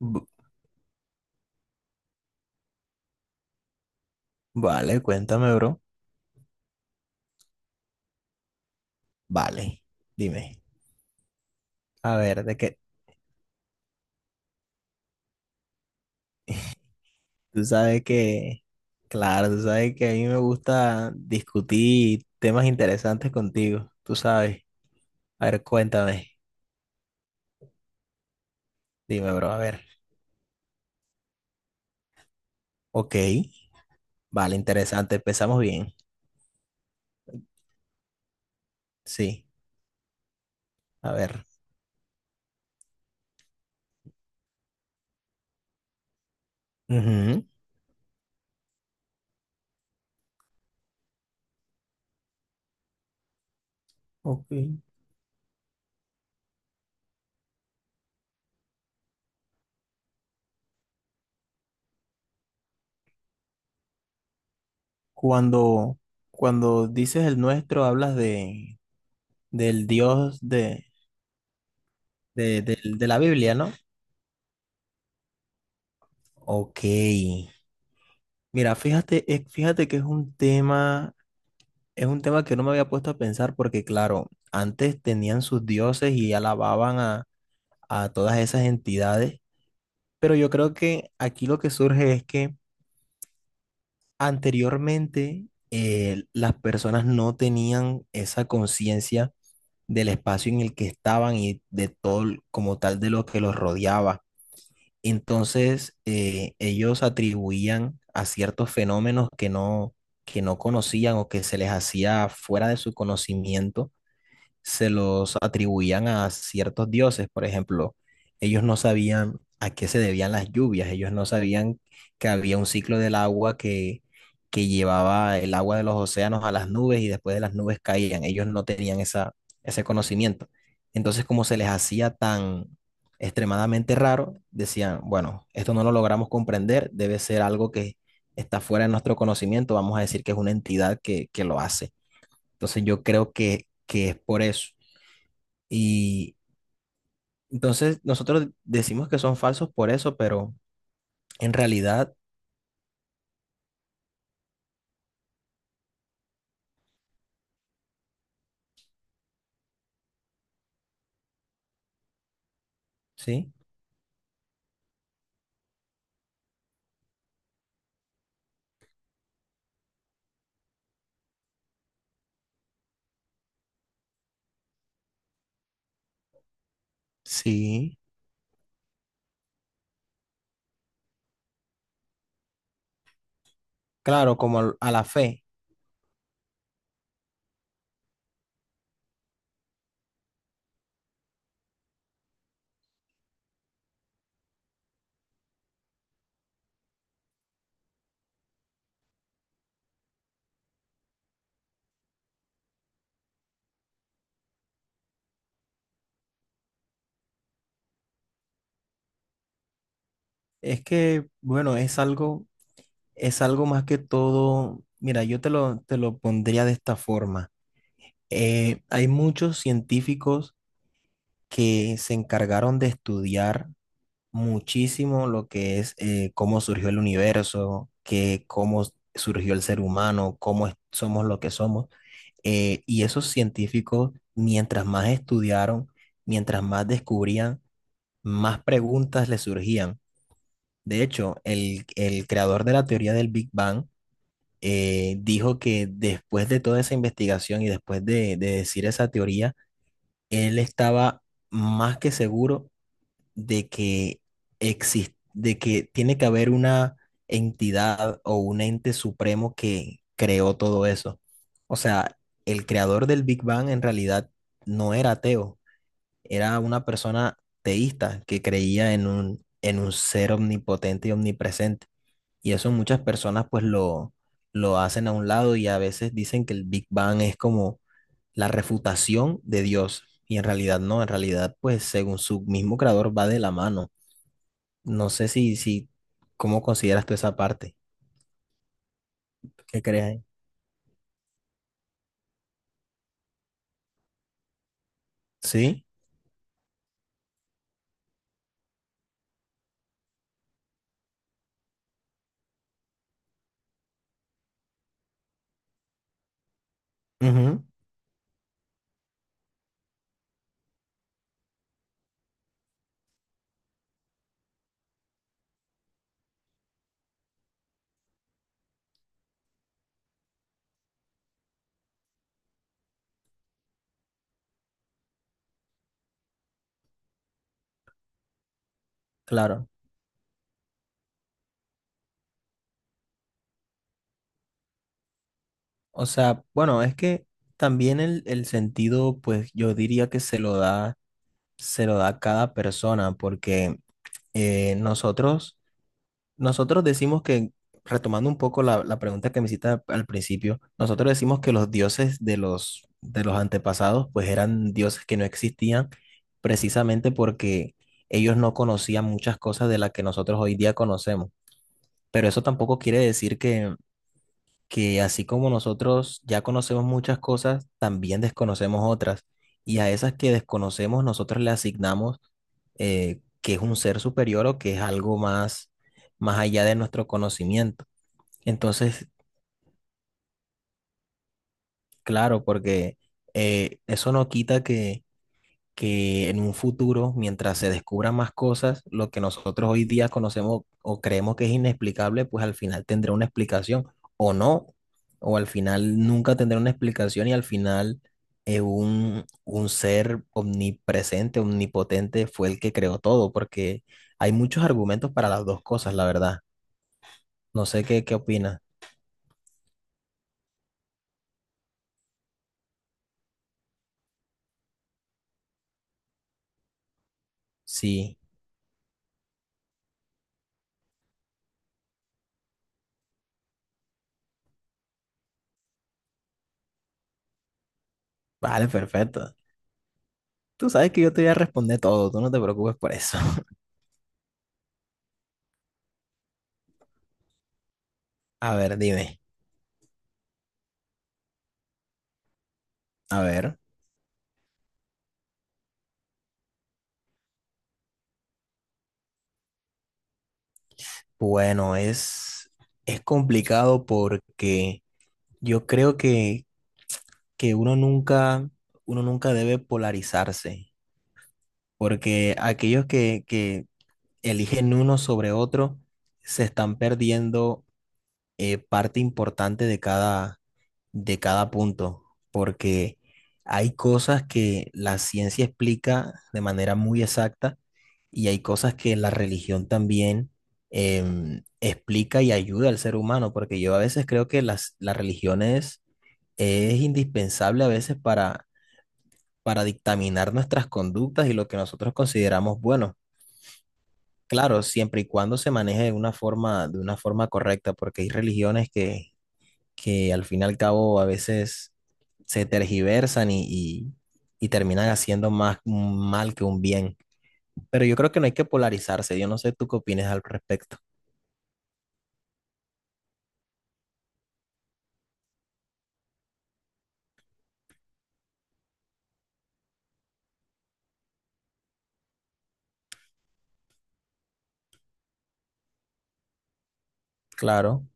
B- Vale, cuéntame, bro. Vale, dime. A ver, de que tú sabes que, claro, tú sabes que a mí me gusta discutir temas interesantes contigo, tú sabes. A ver, cuéntame. Dime, bro, a ver. Ok, vale, interesante, empezamos bien. Sí, a ver. Ujú. Ok. Cuando, cuando dices el nuestro, hablas de, del Dios de, de la Biblia, ¿no? Ok. Mira, fíjate, fíjate que es un tema que no me había puesto a pensar porque, claro, antes tenían sus dioses y alababan a todas esas entidades, pero yo creo que aquí lo que surge es que anteriormente las personas no tenían esa conciencia del espacio en el que estaban y de todo como tal de lo que los rodeaba. Entonces, ellos atribuían a ciertos fenómenos que no conocían o que se les hacía fuera de su conocimiento se los atribuían a ciertos dioses. Por ejemplo, ellos no sabían a qué se debían las lluvias, ellos no sabían que había un ciclo del agua que llevaba el agua de los océanos a las nubes y después de las nubes caían. Ellos no tenían esa, ese conocimiento. Entonces, como se les hacía tan extremadamente raro, decían, bueno, esto no lo logramos comprender, debe ser algo que está fuera de nuestro conocimiento, vamos a decir que es una entidad que lo hace. Entonces yo creo que es por eso. Y entonces nosotros decimos que son falsos por eso, pero en realidad, sí, sí, claro, como a la fe. Es que, bueno, es algo más que todo. Mira, yo te lo pondría de esta forma. Hay muchos científicos que se encargaron de estudiar muchísimo lo que es cómo surgió el universo, que cómo surgió el ser humano, somos lo que somos. Y esos científicos, mientras más estudiaron, mientras más descubrían, más preguntas les surgían. De hecho, el creador de la teoría del Big Bang dijo que después de toda esa investigación y después de decir esa teoría, él estaba más que seguro de que existe, de que tiene que haber una entidad o un ente supremo que creó todo eso. O sea, el creador del Big Bang en realidad no era ateo, era una persona teísta que creía en un ser omnipotente y omnipresente. Y eso muchas personas pues lo hacen a un lado y a veces dicen que el Big Bang es como la refutación de Dios. Y en realidad no, en realidad pues según su mismo creador va de la mano. No sé si, si, ¿cómo consideras tú esa parte? ¿Qué crees ahí? Sí, ujú. Claro. O sea, bueno, es que también el sentido, pues yo diría que se lo da cada persona, porque eh, Nosotros decimos que, retomando un poco la pregunta que me hiciste al al principio, nosotros decimos que los dioses de de los antepasados pues eran dioses que no existían precisamente porque ellos no conocían muchas cosas de las que nosotros hoy día conocemos. Pero eso tampoco quiere decir que así como nosotros ya conocemos muchas cosas, también desconocemos otras. Y a esas que desconocemos nosotros le asignamos que es un ser superior o que es algo más, más allá de nuestro conocimiento. Entonces, claro, porque eso no quita que en un futuro, mientras se descubran más cosas, lo que nosotros hoy día conocemos o creemos que es inexplicable, pues al final tendrá una explicación o no, o al final nunca tendrá una explicación y al final un ser omnipresente, omnipotente fue el que creó todo, porque hay muchos argumentos para las dos cosas, la verdad. No sé qué, qué opinas. Sí, vale, perfecto. Tú sabes que yo te voy a responder todo, tú no te preocupes por eso. A ver, dime. A ver. Bueno, es complicado porque yo creo que uno nunca debe polarizarse, porque aquellos que eligen uno sobre otro se están perdiendo parte importante de cada punto, porque hay cosas que la ciencia explica de manera muy exacta y hay cosas que la religión también explica y ayuda al ser humano, porque yo a veces creo que la religión es indispensable a veces para dictaminar nuestras conductas y lo que nosotros consideramos bueno. Claro, siempre y cuando se maneje de una forma correcta, porque hay religiones que al fin y al cabo a veces se tergiversan y terminan haciendo más un mal que un bien. Pero yo creo que no hay que polarizarse. Yo no sé tú qué opinas al respecto. Claro,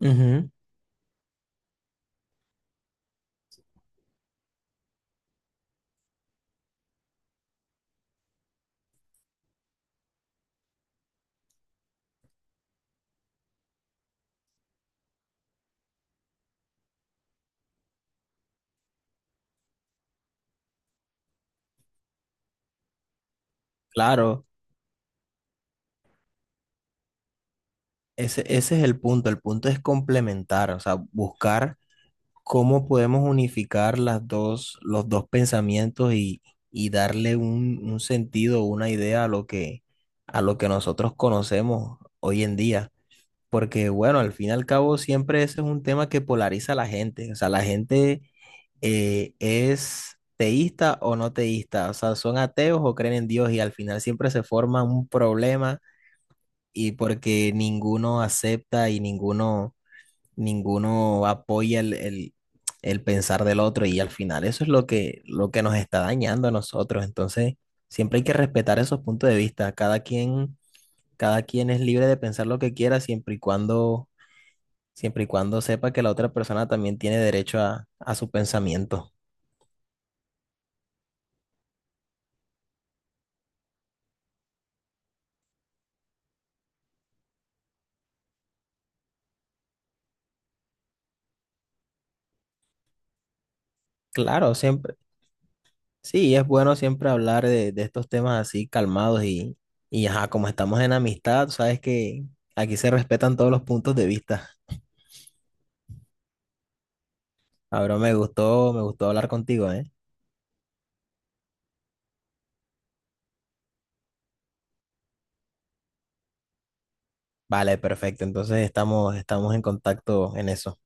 ujú, claro. Ese es el punto. El punto es complementar, o sea, buscar cómo podemos unificar las dos, los dos pensamientos y darle un sentido, una idea a lo a lo que nosotros conocemos hoy en día. Porque bueno, al fin y al cabo siempre ese es un tema que polariza a la gente. O sea, la gente es teísta o no teísta. O sea, son ateos o creen en Dios y al final siempre se forma un problema y porque ninguno acepta y ninguno, ninguno apoya el, el pensar del otro y al final eso es lo que nos está dañando a nosotros. Entonces, siempre hay que respetar esos puntos de vista. Cada quien es libre de pensar lo que quiera siempre y cuando Siempre y cuando sepa que la otra persona también tiene derecho a su pensamiento. Claro, siempre. Sí, es bueno siempre hablar de estos temas así calmados y ajá, como estamos en amistad, sabes que aquí se respetan todos los puntos de vista. Ahora me gustó hablar contigo, ¿eh? Vale, perfecto. Entonces estamos, estamos en contacto en eso.